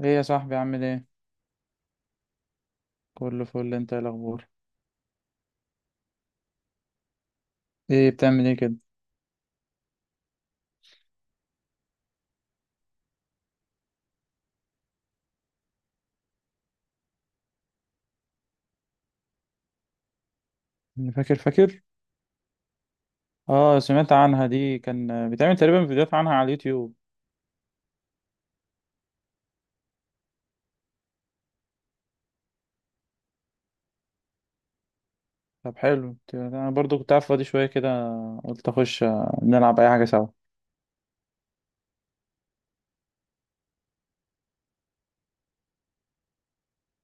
ايه يا صاحبي، عامل ايه؟ كله فل، انت إيه الاخبار؟ ايه بتعمل ايه كده؟ فاكر فاكر. اه سمعت عنها دي، كان بتعمل تقريبا فيديوهات عنها على اليوتيوب. طب حلو، انا برضو كنت قاعد فاضي شويه كده، قلت اخش نلعب اي حاجه سوا.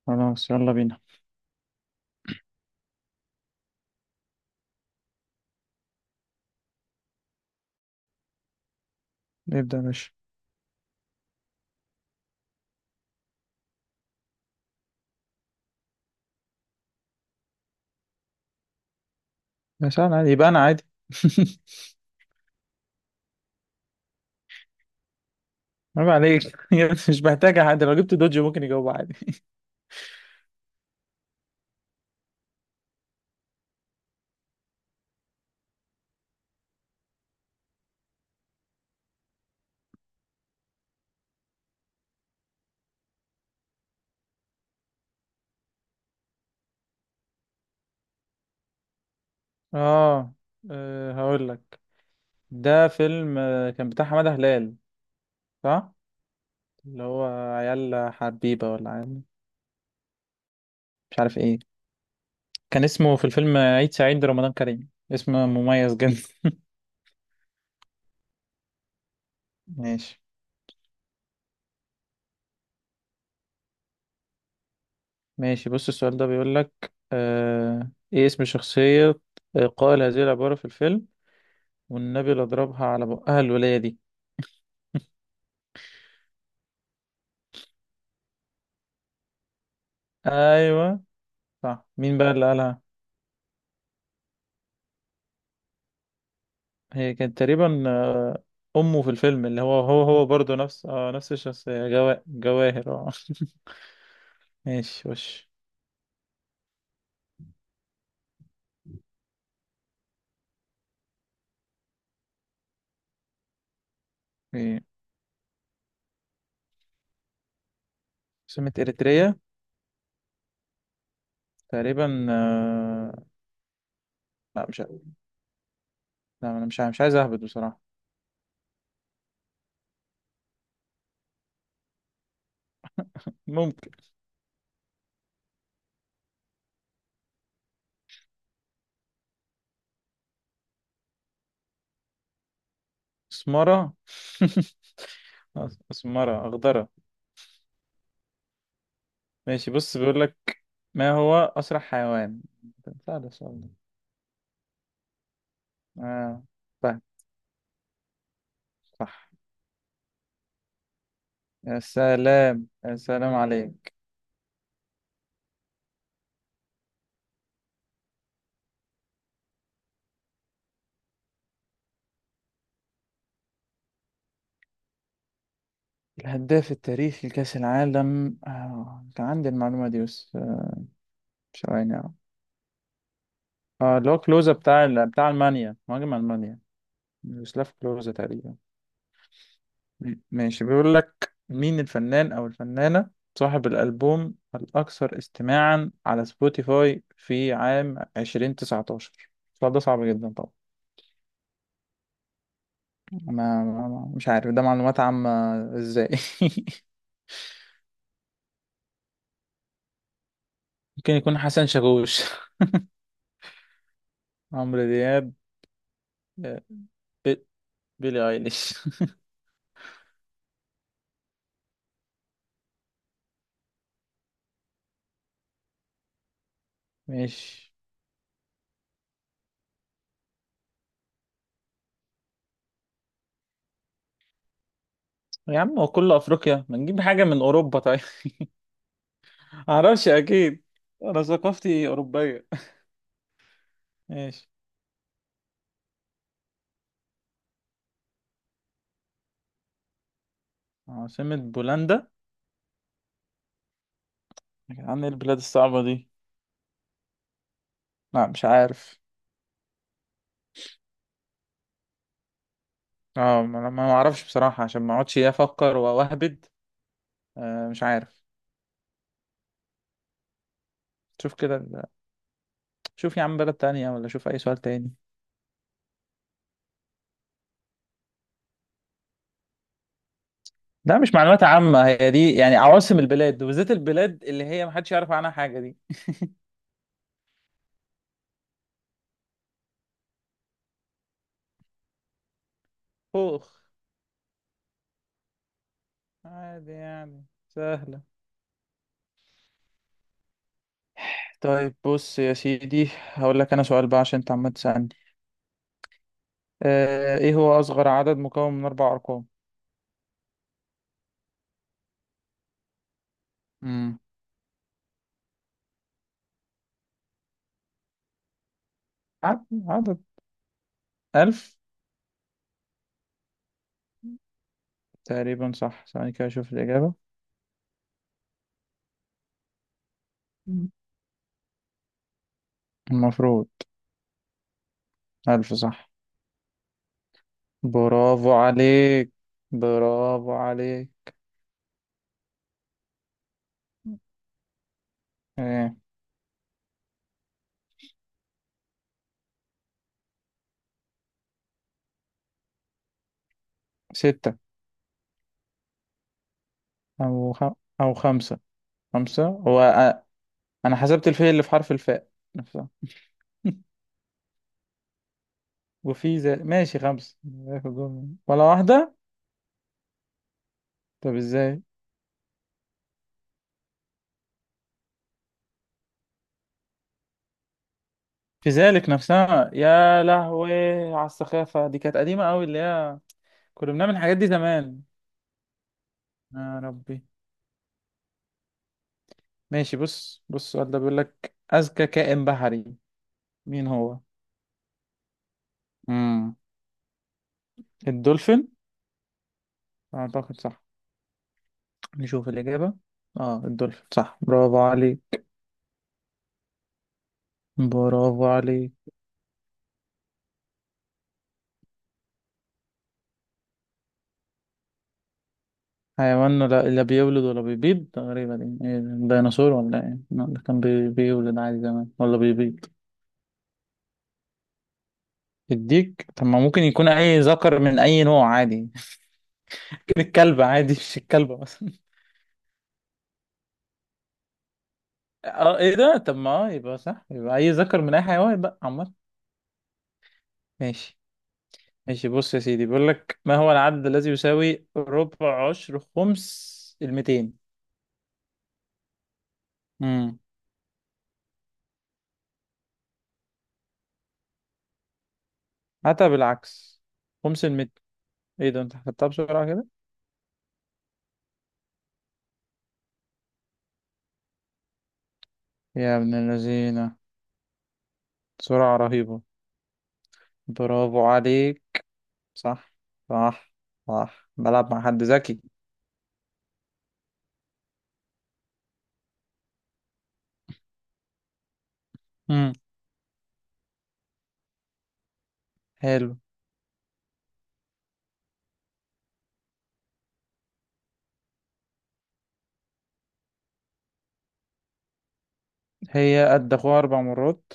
خلاص يلا بينا. نبدا يا باشا. يا سهل، عادي يبقى انا عادي. عيب عليك. مش محتاجه حد، لو جبت دوجي ممكن يجاوب عادي. اه, هقول لك. ده فيلم كان بتاع حماده هلال، صح. اللي هو عيال حبيبه ولا عيال؟ مش عارف ايه. كان اسمه في الفيلم عيد سعيد رمضان كريم، اسم مميز جدا. ماشي. ماشي بص، السؤال ده بيقول لك ايه اسم شخصية قائل هذه العبارة في الفيلم؟ والنبي اللي ضربها على بقها، الولاية دي. ايوه، صح. مين بقى اللي قالها؟ هي كانت تقريبا امه في الفيلم، اللي هو برضه نفس نفس الشخصية، جواهر، اه. ماشي وش. إيه. سمة اريتريا، تقريبا لا مش ع- لا، انا مش عايز اهبط بصراحة. ممكن. اسمرة. اسمرة اخضرة. ماشي بص، بيقول لك ما هو اسرع حيوان؟ سهل السؤال ده. اه. طيب. صح. يا سلام، يا سلام عليك. الهداف التاريخي لكأس العالم، كان عندي المعلومة دي بس، ثواني اه. اللي هو كلوزا، بتاع بتاع المانيا، مهاجم المانيا. يوسلاف كلوزا تقريبا. ماشي، بيقول لك مين الفنان أو الفنانة صاحب الألبوم الأكثر استماعا على سبوتيفاي في عام 2019؟ السؤال ده صعب جدا طبعا. ما مش عارف، ده معلومات عامة. ازاي؟ ممكن يكون حسن شاكوش. عمرو دياب. آه، بي- بيلي ايليش. ماشي. يا عم هو كله افريقيا، ما نجيب حاجه من اوروبا طيب. معرفش اكيد، انا ثقافتي اوروبيه. ماشي. عاصمه بولندا، عن البلاد الصعبة دي. لا مش عارف. اه ما اعرفش بصراحة، عشان ما اقعدش إيه افكر واهبد. آه مش عارف. شوف كده شوف يا عم بلد تانية، ولا شوف اي سؤال تاني. لا، مش معلومات عامة هي دي، يعني عواصم البلاد وبالذات البلاد اللي هي محدش يعرف عنها حاجة دي. خوخ. عادي يعني، سهلة. طيب بص يا سيدي، هقول لك انا سؤال بقى عشان انت عمال تسألني. ايه هو اصغر عدد مكون من اربع ارقام؟ امم عدد ألف. تقريبا صح، ثواني كده اشوف الإجابة. مم. المفروض. ألف صح. برافو عليك. برافو عليك. إيه. ستة. أو خ... أو خمسة. خمسة هو أنا حسبت الفاء اللي في حرف الفاء نفسها. وفي ذلك، ماشي خمسة. آخر جملة، ولا واحدة. طب إزاي؟ في ذلك نفسها، يا لهوي. على السخافة دي، كانت قديمة أوي اللي هي كنا بنعمل الحاجات دي زمان. يا ربي. ماشي بص، السؤال ده بيقول لك أذكى كائن بحري مين هو؟ مم. الدولفين. أعتقد صح، نشوف الإجابة. اه الدولفين صح، برافو علي. برافو علي. حيوان لا بيولد ولا بيبيض، تقريبا يعني إيه، الديناصور ولا ايه؟ لا ده كان بيولد عادي زمان، ولا بيبيض. الديك؟ طب ما ممكن يكون اي ذكر من اي نوع عادي. ممكن الكلب عادي، مش الكلبة مثلا. اه ايه ده، طب ما يبقى صح، يبقى اي ذكر من اي حيوان بقى عمال. ماشي. ماشي بص يا سيدي، بيقول لك ما هو العدد الذي يساوي ربع عشر خمس الميتين؟ حتى بالعكس. خمس المتر. ايه ده، انت حسبتها بسرعة كده. يا ابن اللذينة، سرعة رهيبة. برافو عليك. صح. صح. صح، بلعب مع حد ذكي. امم حلو. هي قد اخوها اربع مرات؟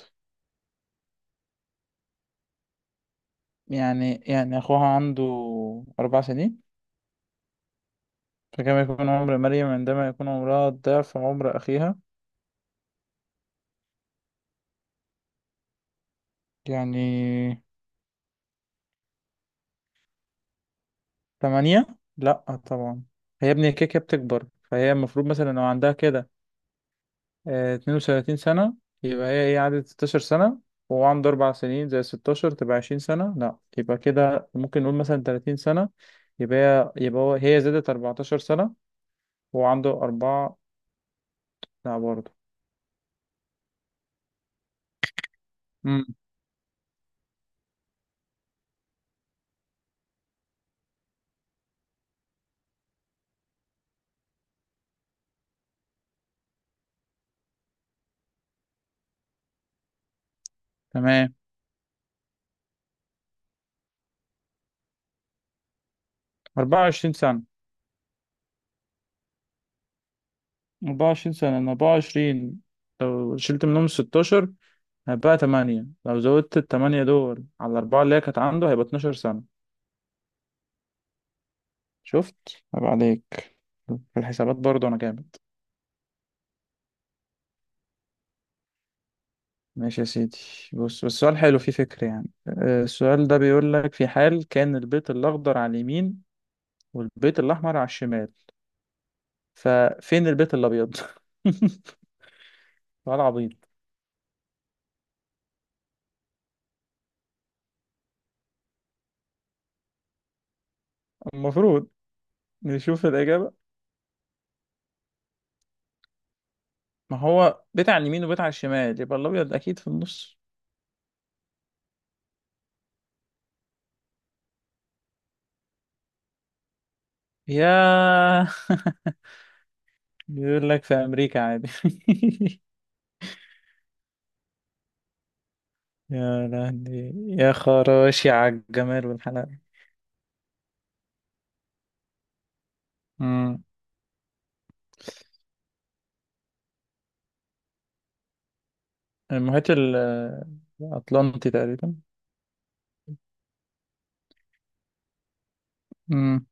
يعني اخوها عنده اربع سنين. فكما يكون عمر مريم عندما يكون عمرها ضعف عمر اخيها، يعني تمانية. لا، طبعا. هي ابني كيكة بتكبر، فهي المفروض مثلا لو عندها كده 32 سنة، يبقى هي ايه، عدد 16 سنة. وهو عنده أربع سنين، زي 16 تبقى 20 سنة. لا يبقى كده ممكن نقول مثلا 30 سنة. يبقى هي يبقى هو هي زادت 14 سنة وهو عنده أربعة. لا برضه. امم تمام. 24 سنة. 24 سنة من 24، لو شلت منهم 16 هيبقى 8. لو زودت ال 8 دول على الأربعة اللي هي كانت عنده، هيبقى 12 سنة. شفت؟ عيب عليك، في الحسابات برضه أنا جامد. ماشي يا سيدي، بص بس السؤال حلو فيه فكرة يعني. السؤال ده بيقول لك في حال كان البيت الأخضر على اليمين والبيت الأحمر على الشمال، ففين البيت الأبيض؟ سؤال عبيط. المفروض نشوف الإجابة. ما هو بيت على اليمين وبيت على الشمال، يبقى الأبيض أكيد في النص. يا بيقول لك في أمريكا عادي. يا لهوي يا خراشي، على الجمال والحلاوة. مم. المحيط الأطلنطي تقريبا. مم.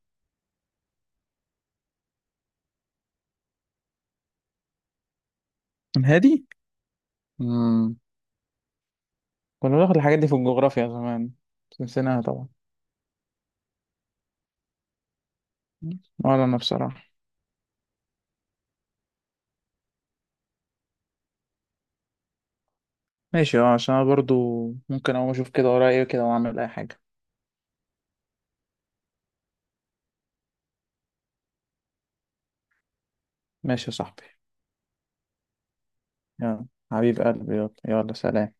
الهادي. مم. كنا بناخد الحاجات دي في الجغرافيا زمان، بس نسيناها طبعا. ولا انا بصراحة. ماشي اه، عشان انا برضو ممكن اقوم اشوف كده ورايا ايه كده واعمل اي حاجة. ماشي يا صاحبي. يلا حبيب قلبي، يلا يلا سلام.